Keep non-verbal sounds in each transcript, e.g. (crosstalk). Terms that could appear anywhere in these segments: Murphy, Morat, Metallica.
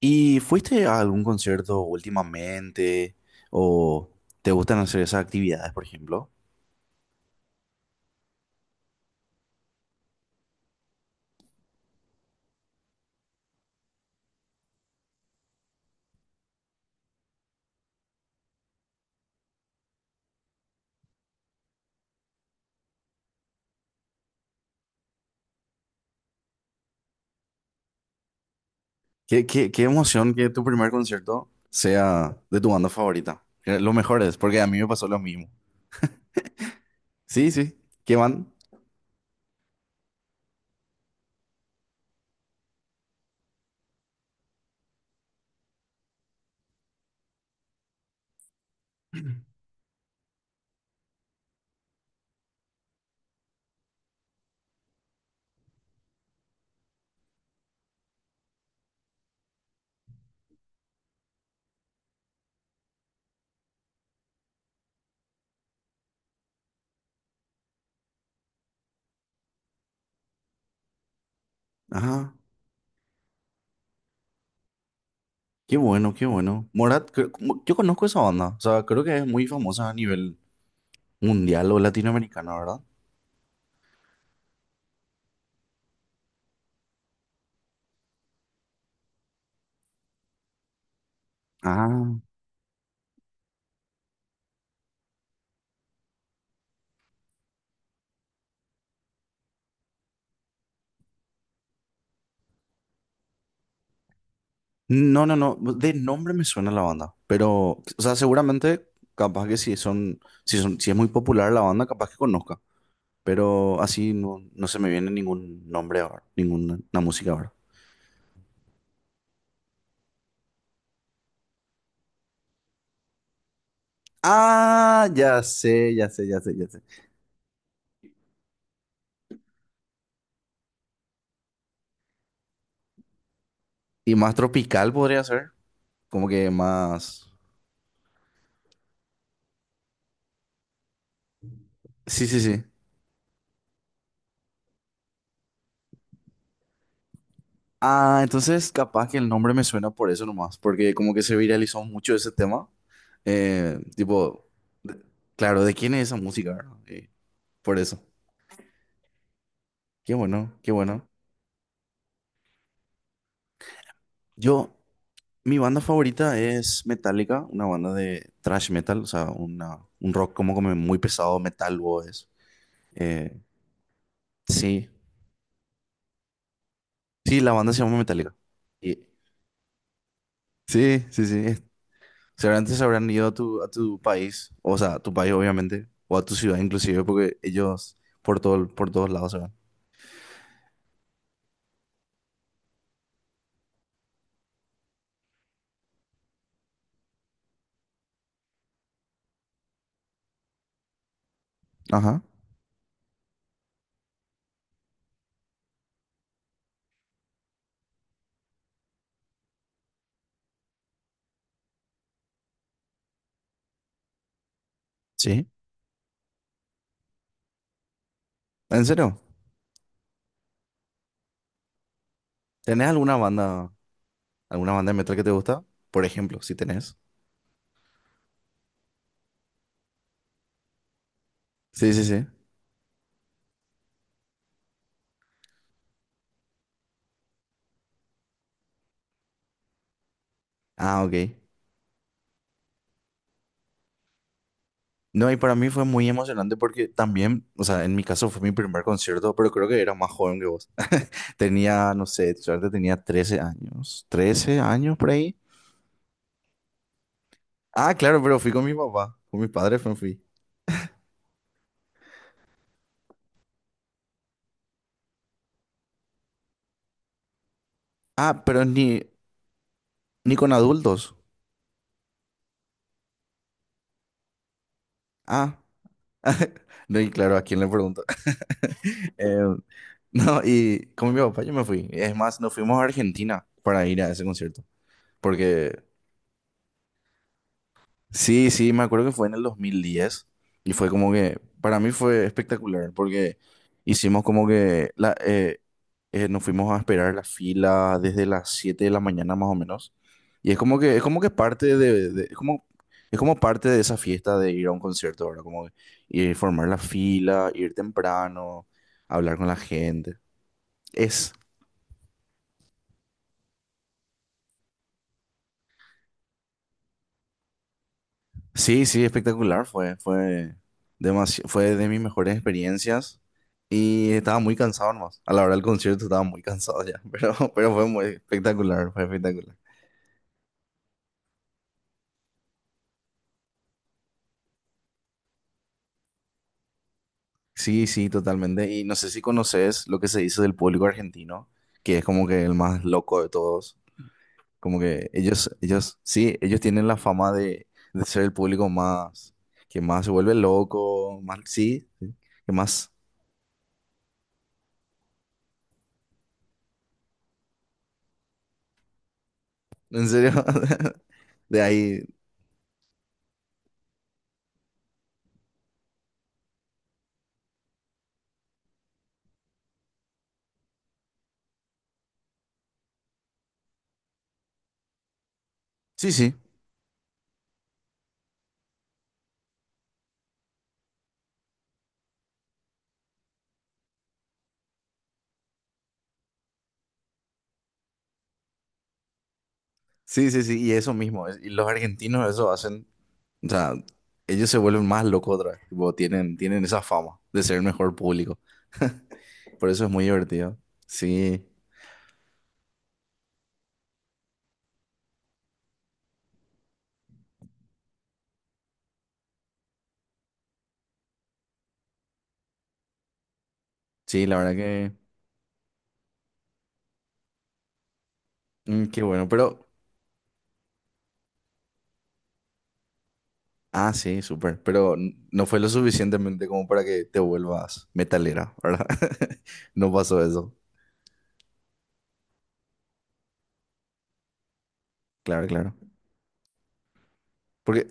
¿Y fuiste a algún concierto últimamente? ¿O te gustan hacer esas actividades, por ejemplo? ¿Qué emoción que tu primer concierto sea de tu banda favorita? Que Lo mejor es, porque a mí me pasó lo mismo. Sí, sí. ¿Qué van? Ajá. Qué bueno, qué bueno. Morat, yo conozco esa banda. O sea, creo que es muy famosa a nivel mundial o latinoamericano, ¿verdad? Ah. No, no, no. De nombre me suena la banda. Pero, o sea, seguramente, capaz que si es muy popular la banda, capaz que conozca. Pero así no, no se me viene ningún nombre ahora, ninguna una música ahora. Ah, ya sé, ya sé, ya sé, ya sé. Y más tropical podría ser. Como que más. Sí, sí, sí. Ah, entonces capaz que el nombre me suena por eso nomás. Porque como que se viralizó mucho ese tema. Tipo, de- claro, ¿de quién es esa música? ¿Verdad? Por eso. Qué bueno, qué bueno. Yo, mi banda favorita es Metallica, una banda de thrash metal, o sea, un rock como, como muy pesado, metal, o es. Eh, sí, sí, la banda se llama Metallica. Y- sí, sí, sí. Seguramente se habrán ido a tu país, o sea, a tu país obviamente, o a tu ciudad inclusive, porque ellos por todos lados se van. Ajá, sí. ¿En serio? ¿Tenés alguna banda, ¿alguna banda de metal que te gusta? Por ejemplo, si tenés. Sí, sí, sí. Ah, ok. No, y para mí fue muy emocionante porque también, o sea, en mi caso fue mi primer concierto, pero creo que era más joven que vos. Tenía, no sé, suerte tenía 13 años, 13 años por ahí. Ah, claro, pero fui con mi papá, con mis padres me fui. Ah, pero ni con adultos. Ah, (laughs) no, y claro, ¿a quién le pregunto? (laughs) Eh, no, y con mi papá yo me fui. Es más, nos fuimos a Argentina para ir a ese concierto, porque Sí, sí, me acuerdo que fue en el 2010 y fue como que, para mí fue espectacular porque hicimos como que, nos fuimos a esperar la fila desde las 7 de la mañana más o menos. Y es como que parte de, es como parte de esa fiesta de ir a un concierto, ahora. Como que, formar la fila, ir temprano, hablar con la gente. Es Sí, sí, espectacular fue, fue fue de mis mejores experiencias y estaba muy cansado nomás. A la hora del concierto estaba muy cansado ya, (laughs) pero fue muy espectacular, fue espectacular. Sí, sí, totalmente. Y no sé si conoces lo que se dice del público argentino, que es como que el más loco de todos. Como que sí, ellos tienen la fama de ser el público más, que más se vuelve loco, más, sí, sí, que más, en serio, (laughs) de ahí, sí, sí. Sí, sí, sí, y eso mismo. Y los argentinos eso hacen, o sea, ellos se vuelven más locos otra vez. Tipo, tienen esa fama de ser el mejor público. (laughs) Por eso es muy divertido. Sí, sí, la verdad que, mm, qué bueno. Pero, ah, sí, súper. Pero no fue lo suficientemente como para que te vuelvas metalera, ¿verdad? (laughs) No pasó eso. Claro, claro. Porque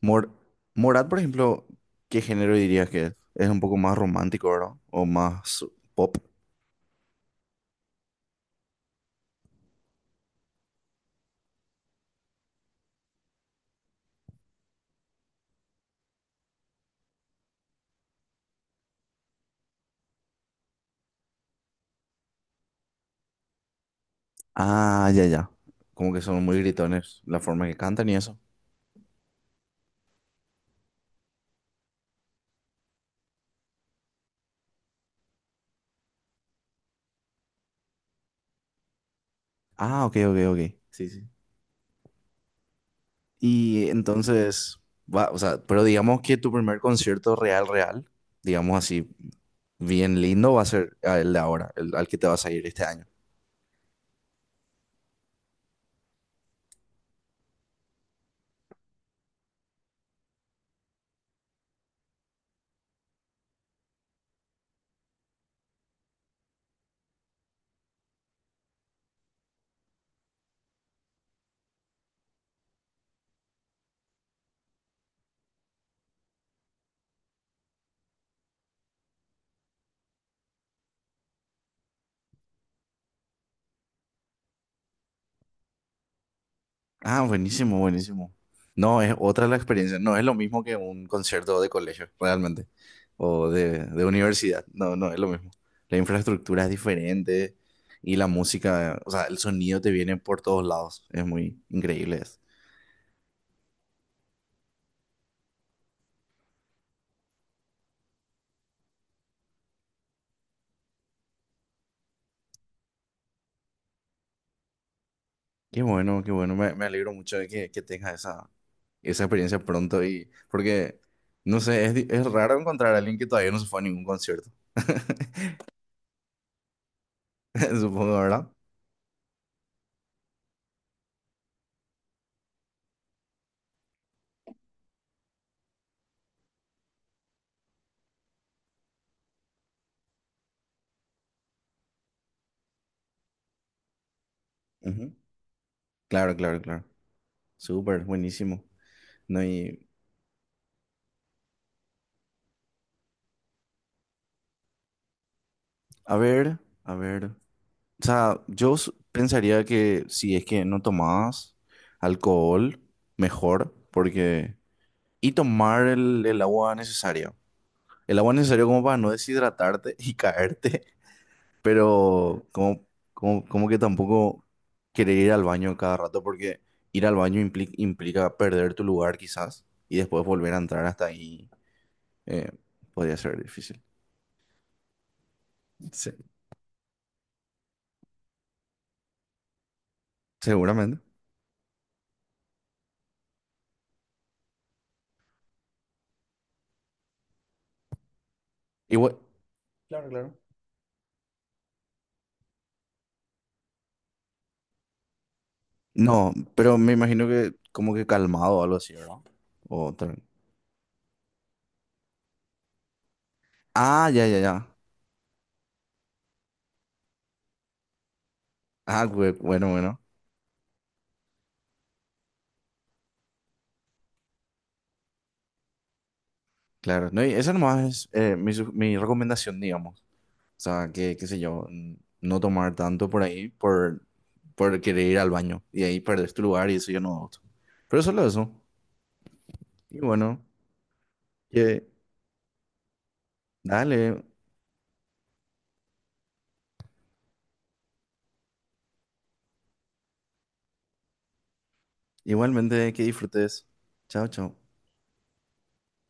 Mor Morat, por ejemplo, ¿qué género dirías que es? Es un poco más romántico, ¿verdad? O más pop. Ah, ya, ya. Como que son muy gritones la forma que cantan y eso. Ah, ok, ok, ok. Sí, sí. Y entonces, va, o sea, pero digamos que tu primer concierto real, real, digamos así, bien lindo, va a ser el de ahora, el al que te vas a ir este año. Ah, buenísimo, buenísimo. No, es otra la experiencia. No es lo mismo que un concierto de colegio, realmente. O de universidad. No, no es lo mismo. La infraestructura es diferente y la música, o sea, el sonido te viene por todos lados. Es muy increíble eso. Qué bueno, qué bueno. Me alegro mucho de que tengas esa, esa experiencia pronto y porque, no sé, es, es raro encontrar a alguien que todavía no se fue a ningún concierto. (laughs) (laughs) Supongo, ¿verdad? Ujú. Claro, claro, claro. Súper, buenísimo. No, y a ver, a ver. O sea, yo pensaría que si es que no tomabas alcohol, mejor, porque y tomar el agua necesaria. El agua necesaria como para no deshidratarte y (laughs) caerte, pero como que tampoco querer ir al baño cada rato porque ir al baño implica perder tu lugar quizás y después volver a entrar hasta ahí eh, podría ser difícil. Sí, seguramente. Igual, claro, claro. No, pero me imagino que como que calmado o algo así, ¿verdad? O tal- Ah, ya, ya, ya. Ah, bueno, bueno. Claro, no, y esa nomás es mi recomendación, digamos. O sea, que, qué sé yo, no tomar tanto por ahí por querer ir al baño y ahí perder tu lugar y eso yo no gusto. Pero solo eso. Y bueno, que dale, igualmente que disfrutes. Chao, chao.